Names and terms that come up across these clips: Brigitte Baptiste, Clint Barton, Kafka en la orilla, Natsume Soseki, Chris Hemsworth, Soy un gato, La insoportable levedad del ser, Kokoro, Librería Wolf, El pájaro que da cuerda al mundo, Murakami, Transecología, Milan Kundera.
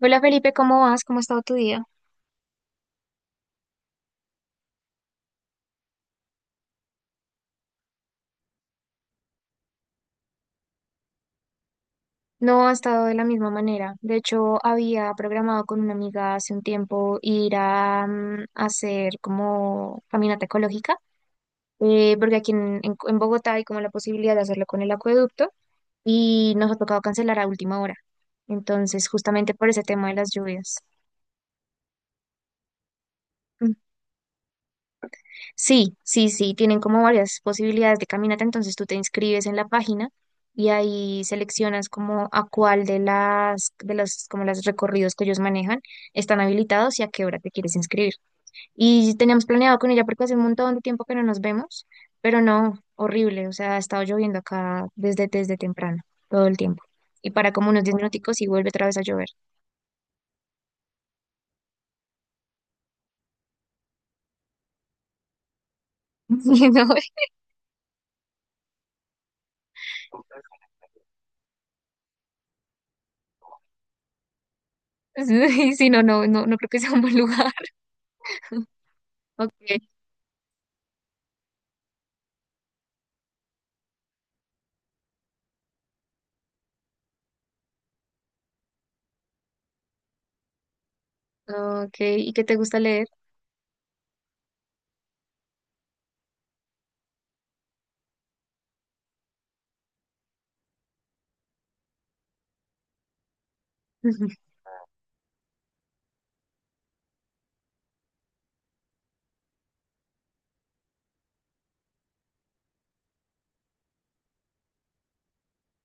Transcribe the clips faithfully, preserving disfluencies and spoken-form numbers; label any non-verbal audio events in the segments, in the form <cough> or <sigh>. Hola Felipe, ¿cómo vas? ¿Cómo ha estado tu día? No ha estado de la misma manera. De hecho, había programado con una amiga hace un tiempo ir a, mm, hacer como caminata ecológica, eh, porque aquí en, en- en Bogotá hay como la posibilidad de hacerlo con el acueducto y nos ha tocado cancelar a última hora. Entonces, justamente por ese tema de las lluvias. Sí, sí, sí, tienen como varias posibilidades de caminata, entonces tú te inscribes en la página y ahí seleccionas como a cuál de las, de los, como los recorridos que ellos manejan están habilitados y a qué hora te quieres inscribir. Y teníamos planeado con ella porque hace un montón de tiempo que no nos vemos, pero no, horrible, o sea, ha estado lloviendo acá desde, desde temprano, todo el tiempo. Y para como unos diez minuticos y vuelve otra vez a llover. <laughs> Sí, no, <laughs> sí, no, no, no, no creo que sea un buen lugar. <laughs> Ok, ok, ¿y qué te gusta leer? Ujú.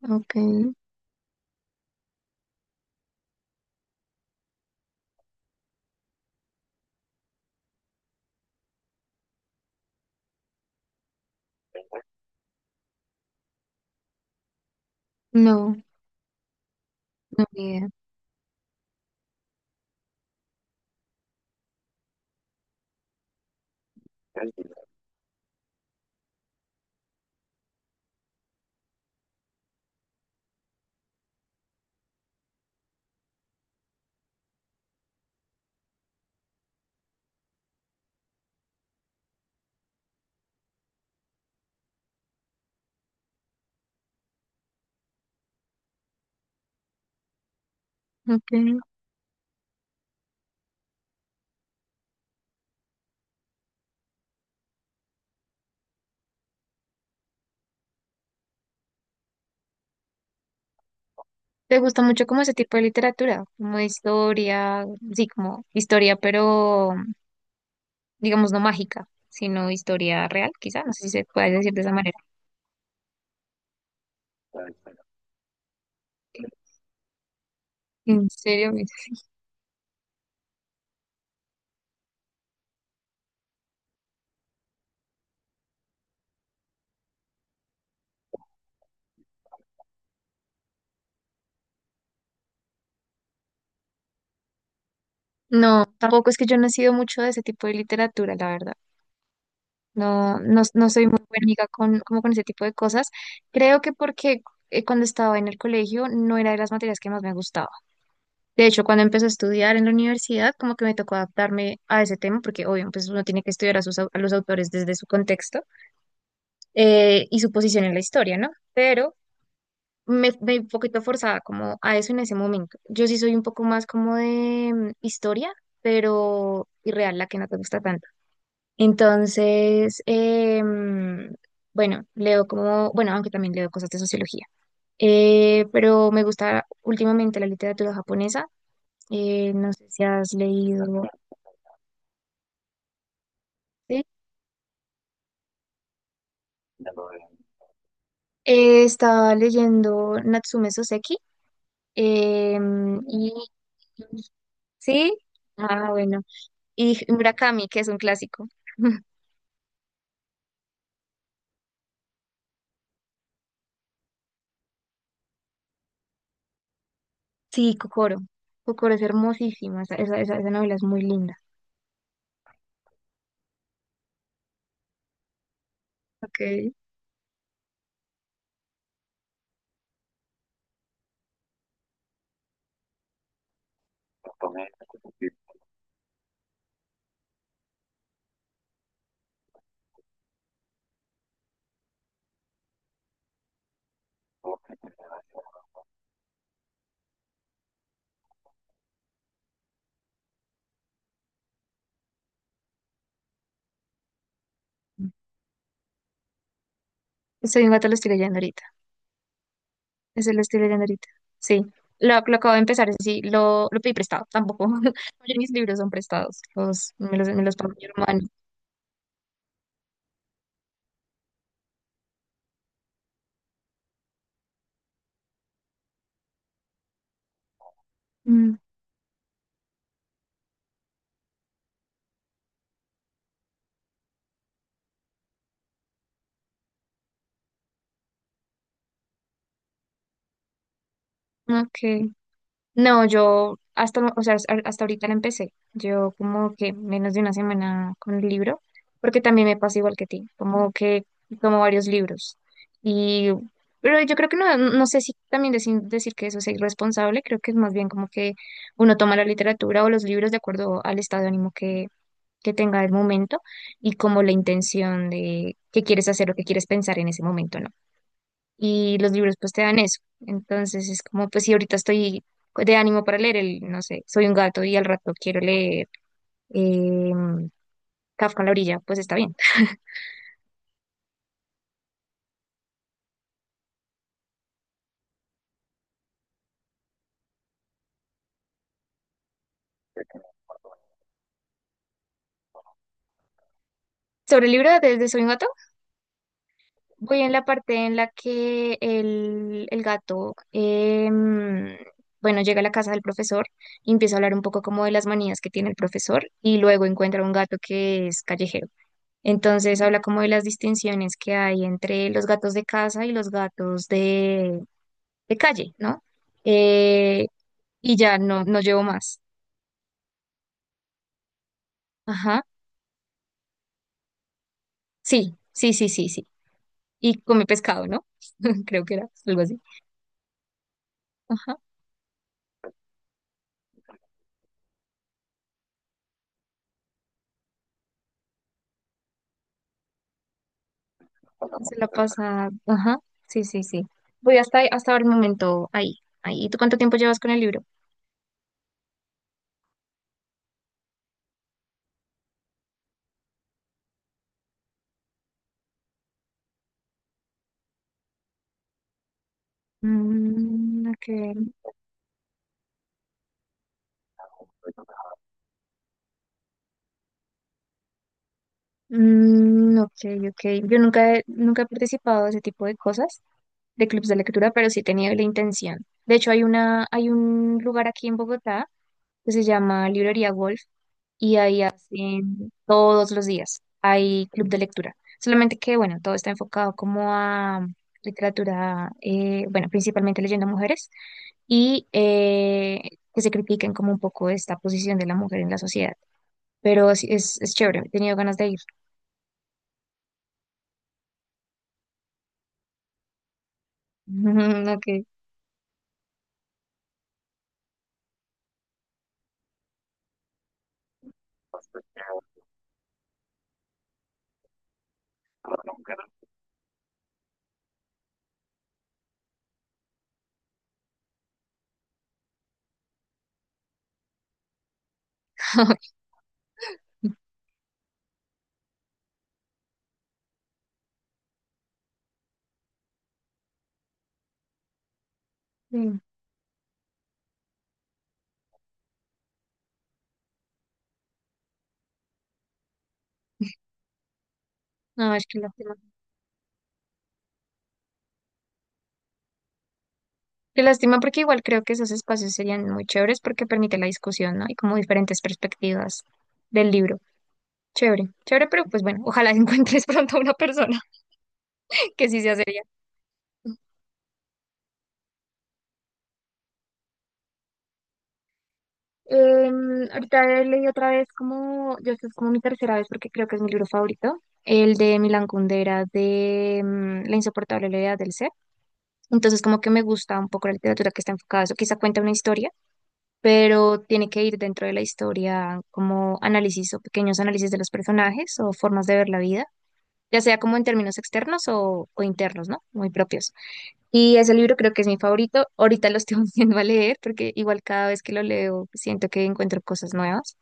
Ok, no, no ni idea. Okay. ¿Te gusta mucho como ese tipo de literatura? Como de historia, sí, como historia, pero digamos no mágica, sino historia real, quizá, no sé si se puede decir de esa manera. ¿En serio? ¿Miss? No, tampoco es que yo no he sido mucho de ese tipo de literatura, la verdad. No, no, no soy muy buena amiga con, como con ese tipo de cosas. Creo que porque eh, cuando estaba en el colegio no era de las materias que más me gustaba. De hecho, cuando empecé a estudiar en la universidad, como que me tocó adaptarme a ese tema, porque obvio, pues uno tiene que estudiar a, sus, au- a los autores desde su contexto eh, y su posición en la historia, ¿no? Pero me, me un poquito forzada como a eso en ese momento. Yo sí soy un poco más como de mm, historia, pero irreal, la que no te gusta tanto. Entonces, eh, mm, bueno, leo como, bueno, aunque también leo cosas de sociología, eh, pero me gusta últimamente la literatura japonesa. Eh, no sé si has leído. ¿Sí? Eh, estaba leyendo Natsume Soseki. Em, y sí, ah, bueno. Y Murakami, que es un clásico. <laughs> Sí, Kokoro. Kokoro es hermosísima. Esa, esa, esa- esa novela es muy linda. Ok. Soy un gato, lo estoy leyendo ahorita. Ese lo estoy leyendo ahorita. Sí. Lo, lo acabo de empezar, eso sí. Lo, lo pedí prestado, tampoco. <laughs> Oye, mis libros son prestados. Los, me los, me los pagó mi hermano. Mm, ok. No, yo hasta, o sea, hasta hasta ahorita la empecé. Yo como que menos de una semana con el libro, porque también me pasa igual que ti, como que tomo varios libros. Y, pero yo creo que no, no sé si también decir, decir que eso es irresponsable, creo que es más bien como que uno toma la literatura o los libros de acuerdo al estado de ánimo que, que tenga el momento y como la intención de qué quieres hacer o qué quieres pensar en ese momento, ¿no? Y los libros pues te dan eso. Entonces es como, pues si ahorita estoy de ánimo para leer el, no sé, soy un gato y al rato quiero leer em, Kafka en la orilla, pues está bien. Sobre el libro desde Soy un gato, voy en la parte en la que el, el gato, em, bueno, llega a la casa del profesor y empieza a hablar un poco como de las manías que tiene el profesor y luego encuentra un gato que es callejero. Entonces habla como de las distinciones que hay entre los gatos de casa y los gatos de calle, ¿no? Eh, y ya no, no llevo más. Ajá. Sí, sí, sí, sí, sí. Y comí pescado, ¿no? <laughs> Creo que era algo así. Ajá. Se la pasa. Ajá. Sí, sí, sí. Voy hasta, hasta el momento ahí. Ahí. ¿Y tú cuánto tiempo llevas con el libro? Mm, ok. Mm, ok, ok. Yo nunca he, nunca he participado de ese tipo de cosas, de clubs de lectura, pero sí he tenido la intención. De hecho, hay una, hay un lugar aquí en Bogotá que se llama Librería Wolf y ahí hacen todos los días, hay club de lectura. Solamente que, bueno, todo está enfocado como a literatura, eh, bueno, principalmente leyendo mujeres y eh, que se critiquen como un poco esta posición de la mujer en la sociedad. Pero sí, es, es chévere, he tenido ganas de ir. <laughs> Ok. <laughs> Sí. No, es que lástima. Qué lástima porque igual creo que esos espacios serían muy chéveres porque permite la discusión, ¿no? Y como diferentes perspectivas del libro. Chévere, chévere, pero pues bueno, ojalá encuentres <laughs> pronto a una persona <laughs> que sí sea seria. Em, ahorita leí otra vez como, yo esto es como mi tercera vez porque creo que es mi libro favorito, el de Milan Kundera de mm, La insoportable levedad del ser. Entonces como que me gusta un poco la literatura que está enfocada a eso, quizá cuenta una historia, pero tiene que ir dentro de la historia como análisis o pequeños análisis de los personajes o formas de ver la vida, ya sea como en términos externos o, o internos, ¿no? Muy propios. Y ese libro creo que es mi favorito. Ahorita lo estoy <laughs> volviendo a leer porque igual cada vez que lo leo siento que encuentro cosas nuevas.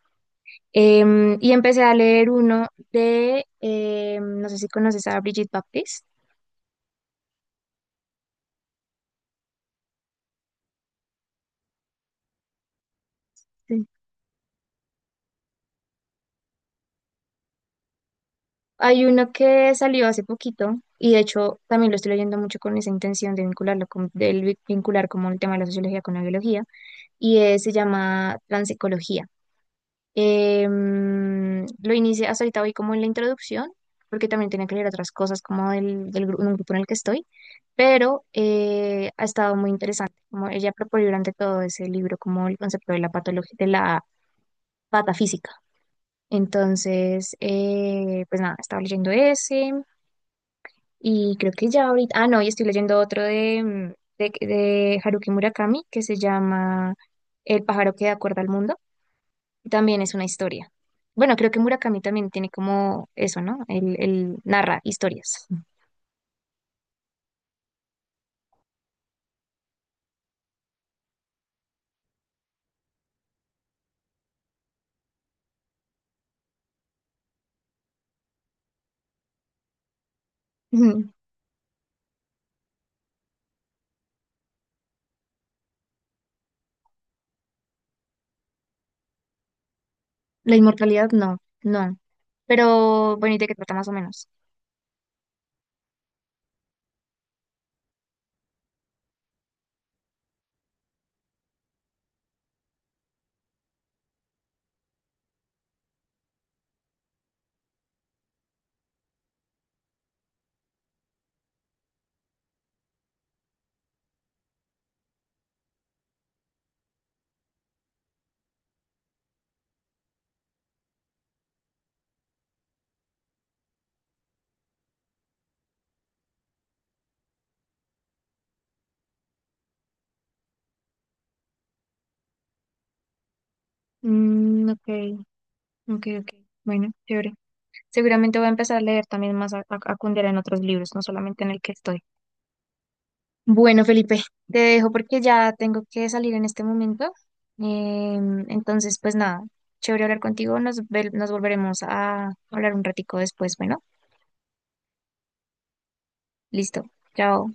Em, y empecé a leer uno de, em, no sé si conoces a Brigitte Baptiste. Sí. Hay uno que salió hace poquito y de hecho también lo estoy leyendo mucho con esa intención de vincularlo con, del vincular como el tema de la sociología con la biología y eh, se llama Transecología. Em, lo inicié, hasta ahorita voy como en la introducción, porque también tenía que leer otras cosas como del, del gru- un grupo en el que estoy, pero eh, ha estado muy interesante. Como ella propone durante todo ese libro como el concepto de la patología, de la patafísica. Entonces, eh, pues nada, estaba leyendo ese y creo que ya ahorita, ah, no, y estoy leyendo otro de, mm, de, de Haruki Murakami que se llama El pájaro que da cuerda al mundo. También es una historia. Bueno, creo que Murakami también tiene como eso, ¿no? Él, él narra historias. Ujú. La inmortalidad, no, no. Pero bueno, ¿y de qué trata más o menos? Mm, ok, ok, ok. Bueno, chévere. Seguramente voy a empezar a leer también más a, a, a Kundera en otros libros, no solamente en el que estoy. Bueno, Felipe, te dejo porque ya tengo que salir en este momento. Em, entonces, pues nada, chévere hablar contigo. Nos, ve- nos volveremos a hablar un ratico después. Bueno, listo. Chao.